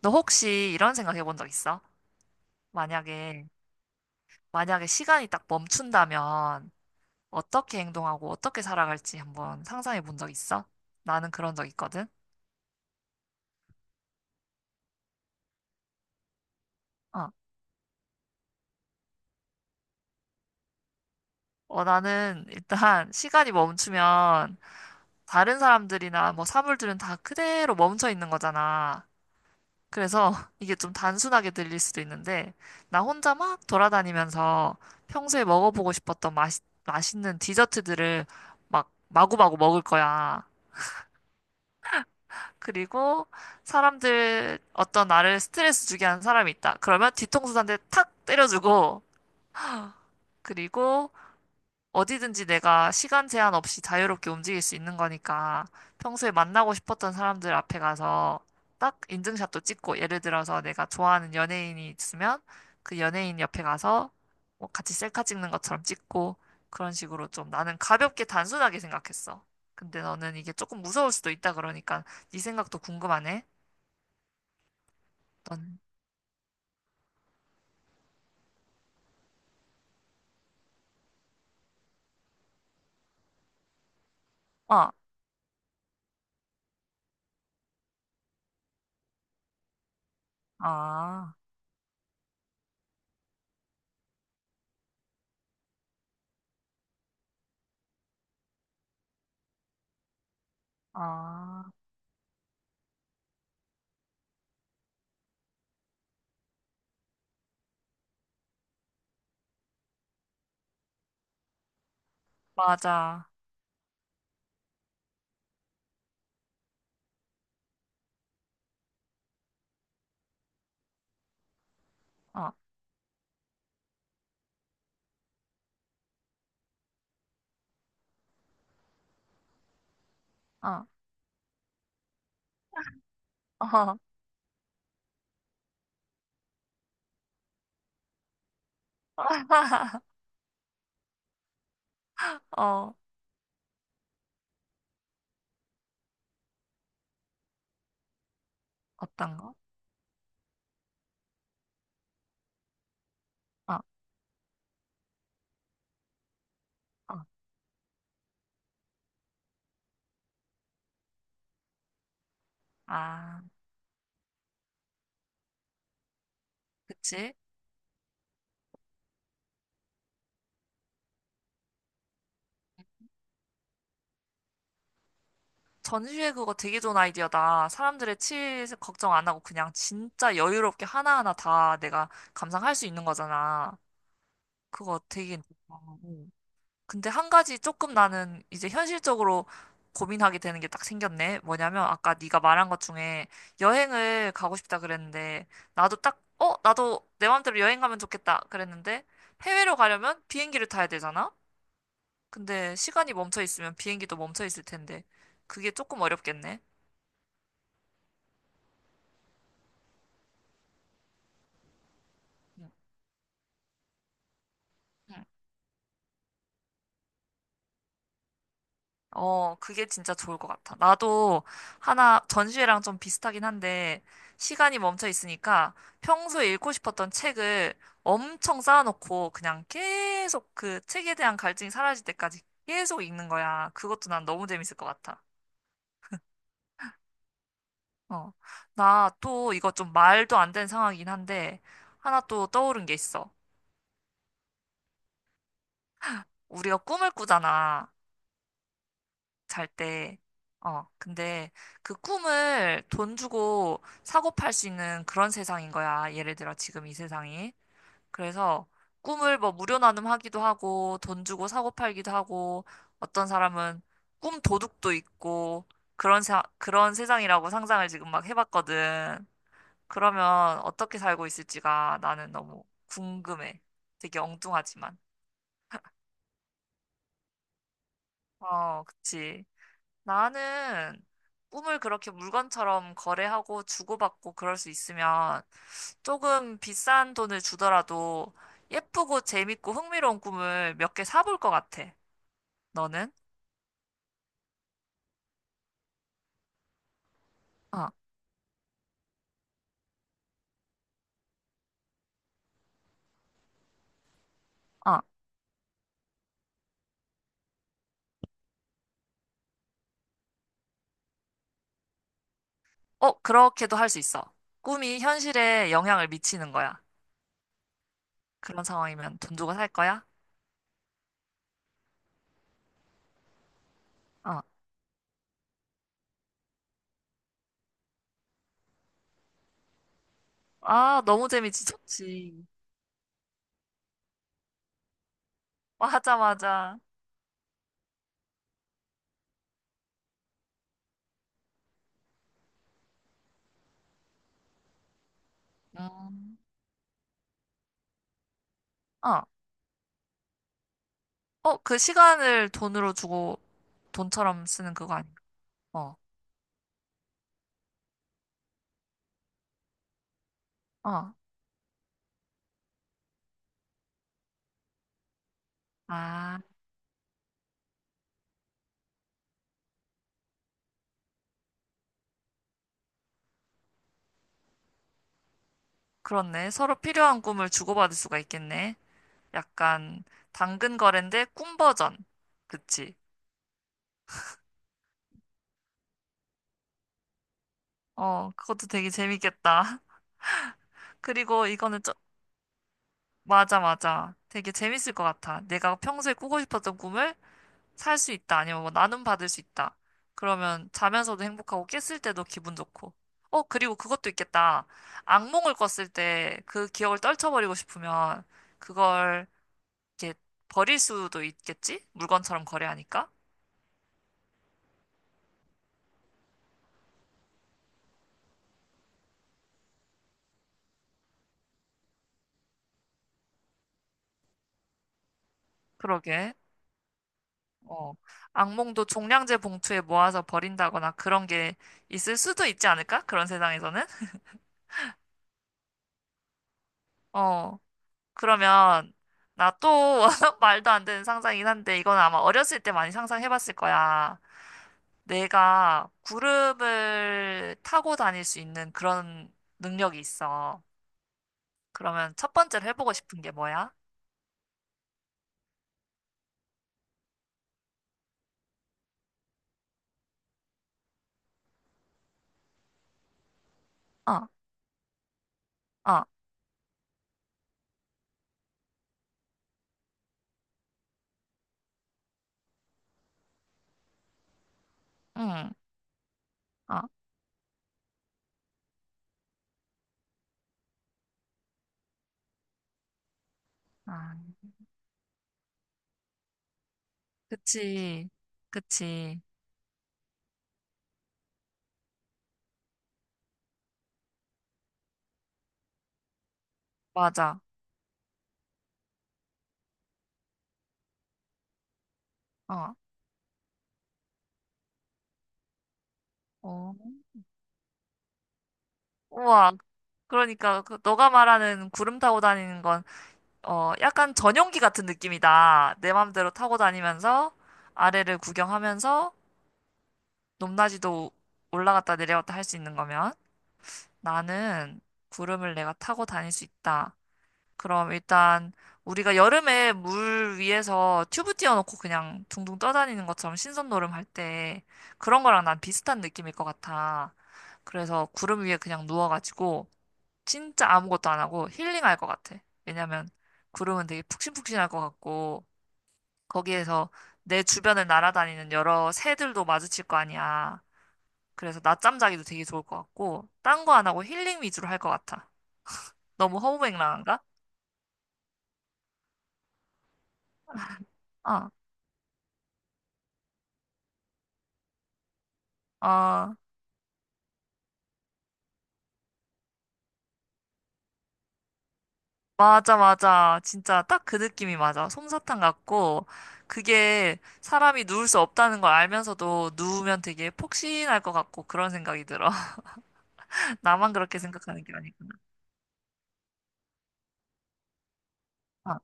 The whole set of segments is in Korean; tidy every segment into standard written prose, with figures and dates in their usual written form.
너 혹시 이런 생각 해본 적 있어? 만약에, 만약에 시간이 딱 멈춘다면 어떻게 행동하고 어떻게 살아갈지 한번 상상해 본 적 있어? 나는 그런 적 있거든? 어. 어, 나는 일단 시간이 멈추면 다른 사람들이나 뭐 사물들은 다 그대로 멈춰 있는 거잖아. 그래서 이게 좀 단순하게 들릴 수도 있는데 나 혼자 막 돌아다니면서 평소에 먹어보고 싶었던 맛있는 디저트들을 막 마구마구 먹을 거야. 그리고 사람들 어떤 나를 스트레스 주게 하는 사람이 있다. 그러면 뒤통수 한 대 탁 때려주고 그리고 어디든지 내가 시간 제한 없이 자유롭게 움직일 수 있는 거니까 평소에 만나고 싶었던 사람들 앞에 가서 딱 인증샷도 찍고 예를 들어서 내가 좋아하는 연예인이 있으면 그 연예인 옆에 가서 뭐 같이 셀카 찍는 것처럼 찍고 그런 식으로 좀 나는 가볍게 단순하게 생각했어. 근데 너는 이게 조금 무서울 수도 있다 그러니까 네 생각도 궁금하네. 넌 어, 아, 아, 맞아. 어, 어, 어, 어, 어떤 거? 어, 어, 아, 그치? 전시회 그거 되게 좋은 아이디어다. 사람들의 치일 걱정 안 하고 그냥 진짜 여유롭게 하나하나 다 내가 감상할 수 있는 거잖아. 그거 되게 좋다. 근데 한 가지 조금 나는 이제 현실적으로 고민하게 되는 게 딱 생겼네. 뭐냐면 아까 네가 말한 것 중에 여행을 가고 싶다 그랬는데 나도 딱 어, 나도 내 마음대로 여행 가면 좋겠다 그랬는데 해외로 가려면 비행기를 타야 되잖아. 근데 시간이 멈춰 있으면 비행기도 멈춰 있을 텐데 그게 조금 어렵겠네. 응. 어, 그게 진짜 좋을 것 같아. 나도 하나 전시회랑 좀 비슷하긴 한데 시간이 멈춰 있으니까 평소에 읽고 싶었던 책을 엄청 쌓아놓고 그냥 계속 그 책에 대한 갈증이 사라질 때까지 계속 읽는 거야. 그것도 난 너무 재밌을 것 같아. 어. 나 또 이거 좀 말도 안 되는 상황이긴 한데 하나 또 떠오른 게 있어. 우리가 꿈을 꾸잖아. 잘 때. 어, 근데 그 꿈을 돈 주고 사고 팔 수 있는 그런 세상인 거야. 예를 들어 지금 이 세상이. 그래서 꿈을 뭐 무료 나눔하기도 하고 돈 주고 사고 팔기도 하고 어떤 사람은 꿈 도둑도 있고 그런 세상이라고 상상을 지금 막 해봤거든. 그러면 어떻게 살고 있을지가 나는 너무 궁금해. 되게 엉뚱하지만. 어, 그치. 나는 꿈을 그렇게 물건처럼 거래하고 주고받고 그럴 수 있으면 조금 비싼 돈을 주더라도 예쁘고 재밌고 흥미로운 꿈을 몇 개 사볼 것 같아. 너는? 어, 어, 어, 그렇게도 할 수 있어. 꿈이 현실에 영향을 미치는 거야. 그런 상황이면 돈 주고 살 거야? 어. 아, 너무 재밌지 좋지. 맞아, 맞아. 음, 어, 어, 그 시간을 돈으로 주고 돈처럼 쓰는 그거 아닌가? 어, 어. 아. 그렇네. 서로 필요한 꿈을 주고받을 수가 있겠네. 약간 당근 거래인데 꿈 버전. 그치? 어, 그것도 되게 재밌겠다. 그리고 이거는 좀, 맞아, 맞아. 되게 재밌을 것 같아. 내가 평소에 꾸고 싶었던 꿈을 살 수 있다. 아니면 뭐 나눔 받을 수 있다. 그러면 자면서도 행복하고 깼을 때도 기분 좋고. 어, 그리고 그것도 있겠다. 악몽을 꿨을 때 그 기억을 떨쳐버리고 싶으면 그걸 이렇게 버릴 수도 있겠지? 물건처럼 거래하니까. 그러게. 어, 악몽도 종량제 봉투에 모아서 버린다거나 그런 게 있을 수도 있지 않을까? 그런 세상에서는? 어, 그러면 나 또 말도 안 되는 상상이긴 한데 이건 아마 어렸을 때 많이 상상해봤을 거야. 내가 구름을 타고 다닐 수 있는 그런 능력이 있어. 그러면 첫 번째로 해보고 싶은 게 뭐야? 어, 어, 응, 어, 아, 그치, 그치, 맞아. 어, 어. 우와, 그러니까 그 너가 말하는 구름 타고 다니는 건 어, 약간 전용기 같은 느낌이다. 내 맘대로 타고 다니면서 아래를 구경하면서 높낮이도 올라갔다 내려갔다 할 수 있는 거면 나는 구름을 내가 타고 다닐 수 있다. 그럼 일단 우리가 여름에 물 위에서 튜브 띄워놓고 그냥 둥둥 떠다니는 것처럼 신선놀음 할 때 그런 거랑 난 비슷한 느낌일 것 같아. 그래서 구름 위에 그냥 누워가지고 진짜 아무것도 안 하고 힐링할 것 같아. 왜냐면 구름은 되게 푹신푹신할 것 같고 거기에서 내 주변을 날아다니는 여러 새들도 마주칠 거 아니야. 그래서 낮잠 자기도 되게 좋을 것 같고 딴 거 안 하고 힐링 위주로 할 것 같아. 너무 허우맹랑한가? 아, 아, 맞아, 맞아. 진짜 딱 그 느낌이 맞아. 솜사탕 같고 그게 사람이 누울 수 없다는 걸 알면서도 누우면 되게 폭신할 것 같고 그런 생각이 들어. 나만 그렇게 생각하는 게 아니구나. 아,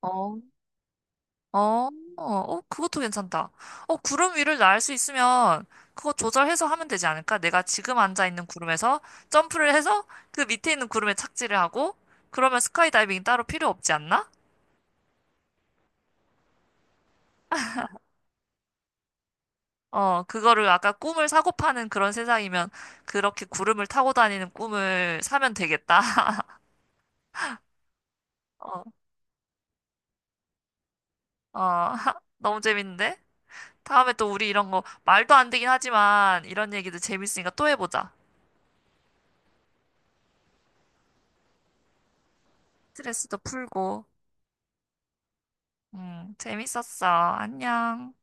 어, 어, 어, 그것도 괜찮다. 어, 구름 위를 날 수 있으면 그거 조절해서 하면 되지 않을까? 내가 지금 앉아 있는 구름에서 점프를 해서 그 밑에 있는 구름에 착지를 하고 그러면 스카이다이빙 따로 필요 없지 않나? 어, 그거를 아까 꿈을 사고 파는 그런 세상이면 그렇게 구름을 타고 다니는 꿈을 사면 되겠다. 어, 어, 너무 재밌는데? 다음에 또 우리 이런 거 말도 안 되긴 하지만 이런 얘기도 재밌으니까 또 해보자. 스트레스도 풀고. 재밌었어. 안녕.